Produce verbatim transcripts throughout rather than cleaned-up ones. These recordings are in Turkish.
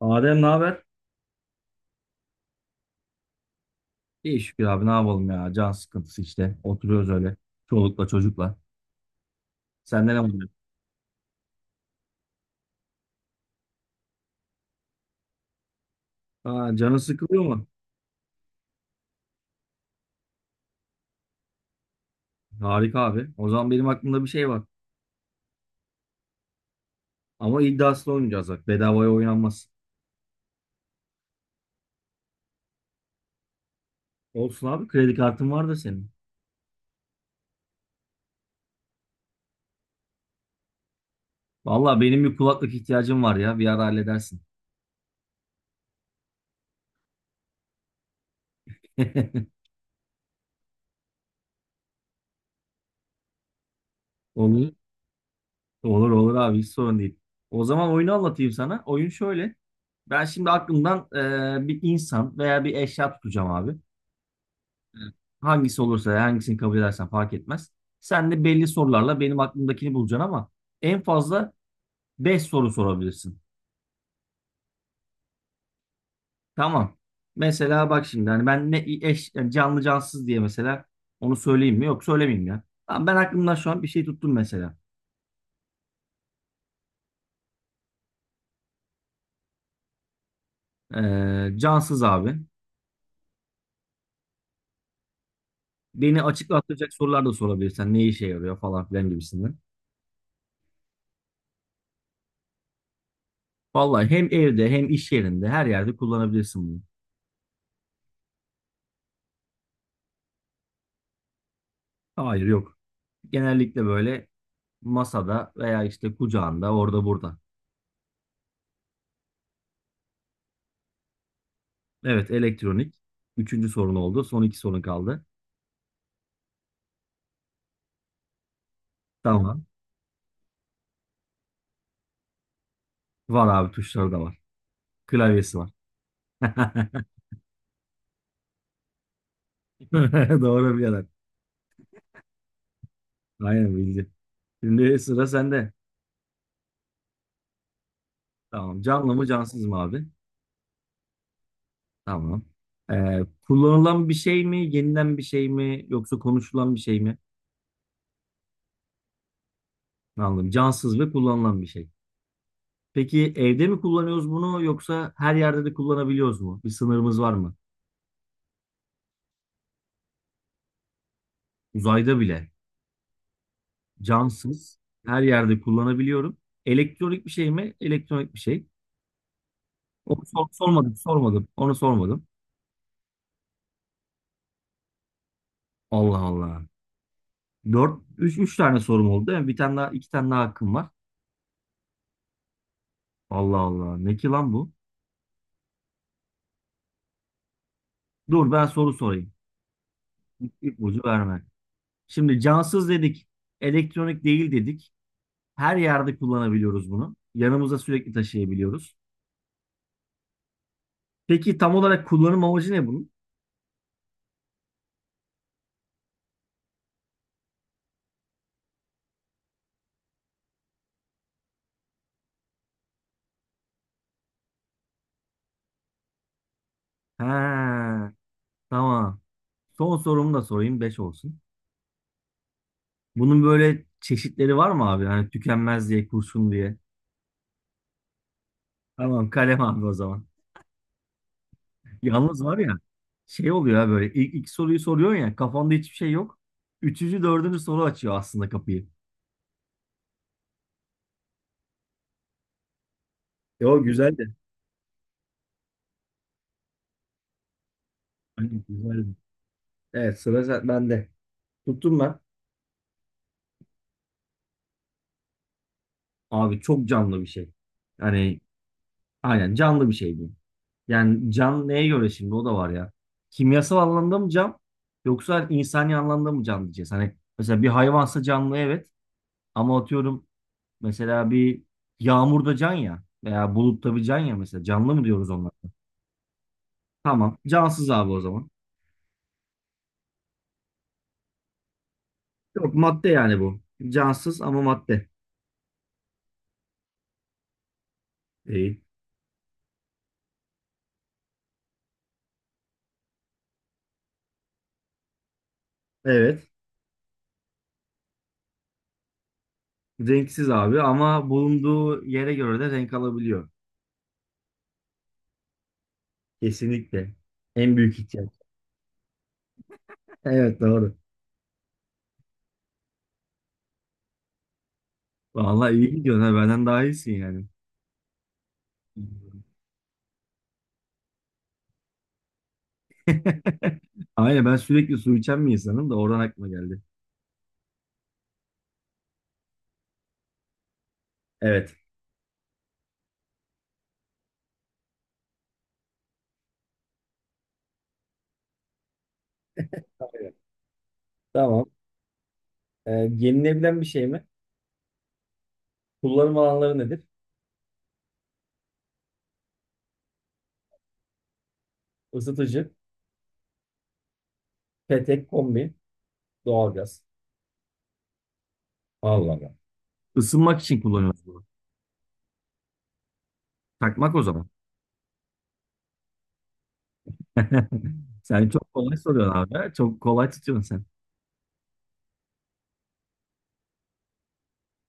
Adem ne haber? İyi şükür abi, ne yapalım ya. Can sıkıntısı işte. Oturuyoruz öyle. Çolukla çocukla. Sende ne oluyor? Aa, canın sıkılıyor mu? Harika abi. O zaman benim aklımda bir şey var. Ama iddiaslı oynayacağız bak. Bedavaya oynanmaz. Olsun abi, kredi kartın var da senin. Valla benim bir kulaklık ihtiyacım var ya. Bir ara halledersin. Olur. Olur olur abi, hiç sorun değil. O zaman oyunu anlatayım sana. Oyun şöyle. Ben şimdi aklımdan eee, bir insan veya bir eşya tutacağım abi. Hangisi olursa, hangisini kabul edersen fark etmez. Sen de belli sorularla benim aklımdakini bulacaksın, ama en fazla beş soru sorabilirsin. Tamam. Mesela bak şimdi, hani ben ne eş, yani canlı cansız diye, mesela onu söyleyeyim mi? Yok, söylemeyeyim ya. Tamam, ben aklımdan şu an bir şey tuttum mesela. Ee, cansız abi. Beni açıklatacak sorular da sorabilirsen, ne işe yarıyor falan filan gibisinden. Vallahi hem evde hem iş yerinde her yerde kullanabilirsin bunu. Hayır, yok. Genellikle böyle masada veya işte kucağında, orada burada. Evet, elektronik. Üçüncü sorun oldu. Son iki sorun kaldı. Tamam. Var abi, tuşları da var. Klavyesi var. Doğru birader. Aynen bildi. Şimdi sıra sende. Tamam. Canlı mı cansız mı abi? Tamam. Ee, kullanılan bir şey mi? Yenilen bir şey mi? Yoksa konuşulan bir şey mi? Anladım. Cansız ve kullanılan bir şey. Peki evde mi kullanıyoruz bunu, yoksa her yerde de kullanabiliyoruz mu? Bir sınırımız var mı? Uzayda bile camsız her yerde kullanabiliyorum. Elektronik bir şey mi? Elektronik bir şey. Onu sor- sormadım, sormadım. Onu sormadım. Allah Allah. Dört, üç üç tane sorum oldu. Yani bir tane daha, iki tane daha hakkım var. Allah Allah. Ne ki lan bu? Dur ben soru sorayım. İlk verme. Şimdi cansız dedik. Elektronik değil dedik. Her yerde kullanabiliyoruz bunu. Yanımıza sürekli taşıyabiliyoruz. Peki tam olarak kullanım amacı ne bunun? Ha, tamam. Son sorumu da sorayım, beş olsun. Bunun böyle çeşitleri var mı abi? Hani tükenmez diye, kurşun diye. Tamam, kalem abi o zaman. Yalnız var ya, şey oluyor ya, böyle ilk, ilk soruyu soruyorsun ya, kafanda hiçbir şey yok. Üçüncü, dördüncü soru açıyor aslında kapıyı. E o güzeldi. Aynen, güzeldi. Evet, sıra sen- bende. Tuttum ben. Abi çok canlı bir şey. Yani aynen canlı bir şey diyeyim. Yani can neye göre şimdi, o da var ya. Kimyasal anlamda mı can, yoksa insani anlamda mı can diyeceğiz. Hani mesela bir hayvansa canlı, evet, ama atıyorum, mesela bir yağmurda can ya, veya bulutta bir can ya, mesela canlı mı diyoruz onlara? Tamam. Cansız abi o zaman. Yok, madde yani bu. Cansız ama madde. Değil. Evet. Renksiz abi, ama bulunduğu yere göre de renk alabiliyor. Kesinlikle. En büyük ihtiyaç. Evet, doğru. Vallahi iyi gidiyorsun ha. Benden daha iyisin yani. Aynen, ben sürekli su içen bir insanım da oradan aklıma geldi. Evet. Tamam. Ee, yenilebilen bir şey mi? Kullanım alanları nedir? Isıtıcı. Petek, kombi, doğalgaz. Allah Allah. Isınmak için kullanıyoruz bunu. Takmak o zaman. Sen çok kolay soruyorsun abi, ha. Çok kolay tutuyorsun sen.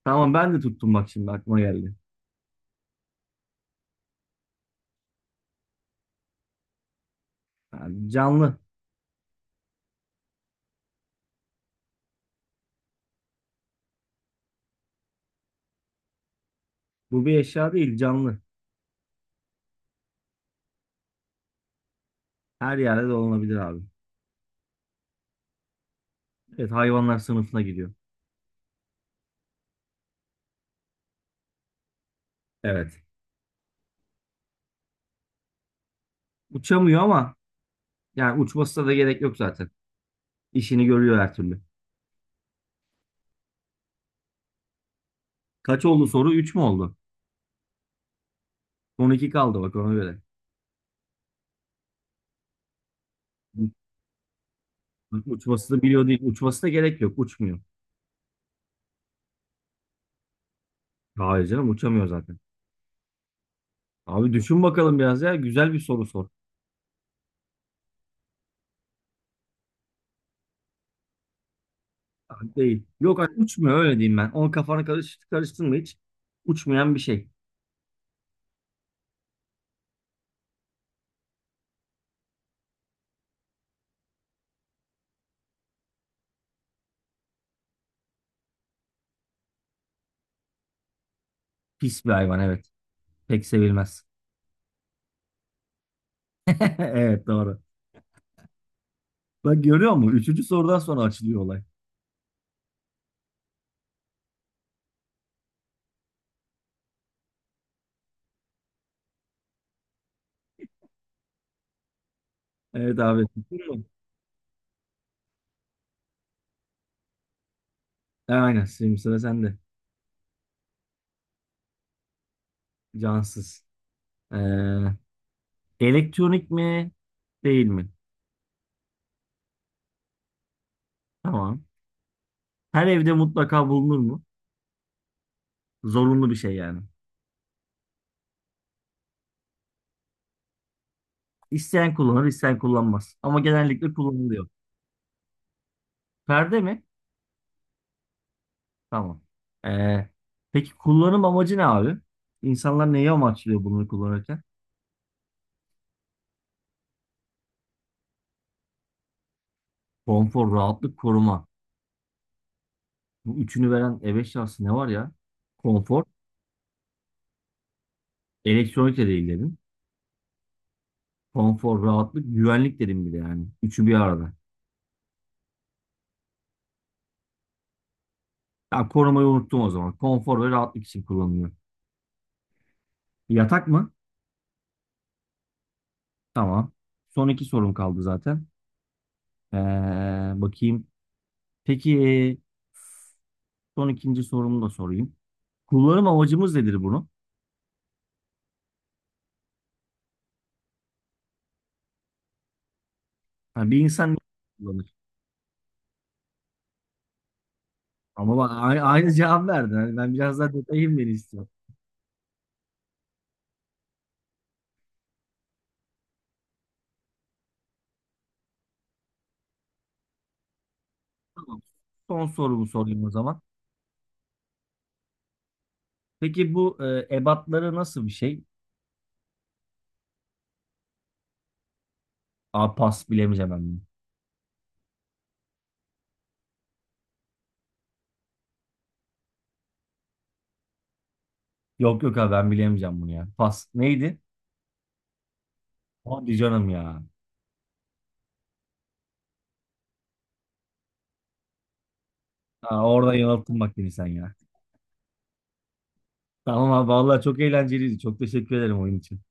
Tamam, ben de tuttum bak, şimdi aklıma geldi. Yani canlı. Bu bir eşya değil, canlı. Her yerde dolanabilir abi. Evet, hayvanlar sınıfına giriyor. Evet. Uçamıyor, ama yani uçmasına da gerek yok zaten. İşini görüyor her türlü. Kaç oldu soru? Üç mü oldu? Son iki kaldı bak, ona göre. Uçması da biliyor değil. Uçması da gerek yok. Uçmuyor. Hayır canım, uçamıyor zaten. Abi düşün bakalım biraz ya. Güzel bir soru sor. Ah, değil. Yok abi, uçmuyor öyle diyeyim ben. Onun kafana karış, karıştırma hiç. Uçmayan bir şey. Pis bir hayvan, evet. Pek sevilmez. Evet, doğru. Bak görüyor musun? Üçüncü sorudan sonra açılıyor olay. Evet abi. Tutun mu? E, Aynen. Şimdi sıra sende. Cansız. Ee, elektronik mi? Değil mi? Tamam. Her evde mutlaka bulunur mu? Zorunlu bir şey yani. İsteyen kullanır, isteyen kullanmaz. Ama genellikle kullanılıyor. Perde mi? Tamam. Ee, peki kullanım amacı ne abi? İnsanlar neyi amaçlıyor bunları kullanırken? Konfor, rahatlık, koruma. Bu üçünü veren e beş şansı ne var ya? Konfor, elektronik de değil dedim. Konfor, rahatlık, güvenlik dedim bir de yani. Üçü bir arada. Ya, korumayı unuttum o zaman. Konfor ve rahatlık için kullanılıyor. Yatak mı? Tamam. Son iki sorum kaldı zaten. Ee, bakayım. Peki son ikinci sorumu da sorayım. Kullanım amacımız nedir bunu? Yani bir insan. Ama bak, aynı, aynı cevap verdin. Hani ben biraz daha detayım beni istiyorum. Tamam. Son sorumu sorayım o zaman. Peki bu e, ebatları nasıl bir şey? Aa, pas, bilemeyeceğim ben bunu. Yok yok abi, ben bilemeyeceğim bunu ya. Pas neydi? Hadi canım ya. Aa, orada yanılttın bak beni sen ya. Tamam abi, vallahi çok eğlenceliydi. Çok teşekkür ederim oyun için.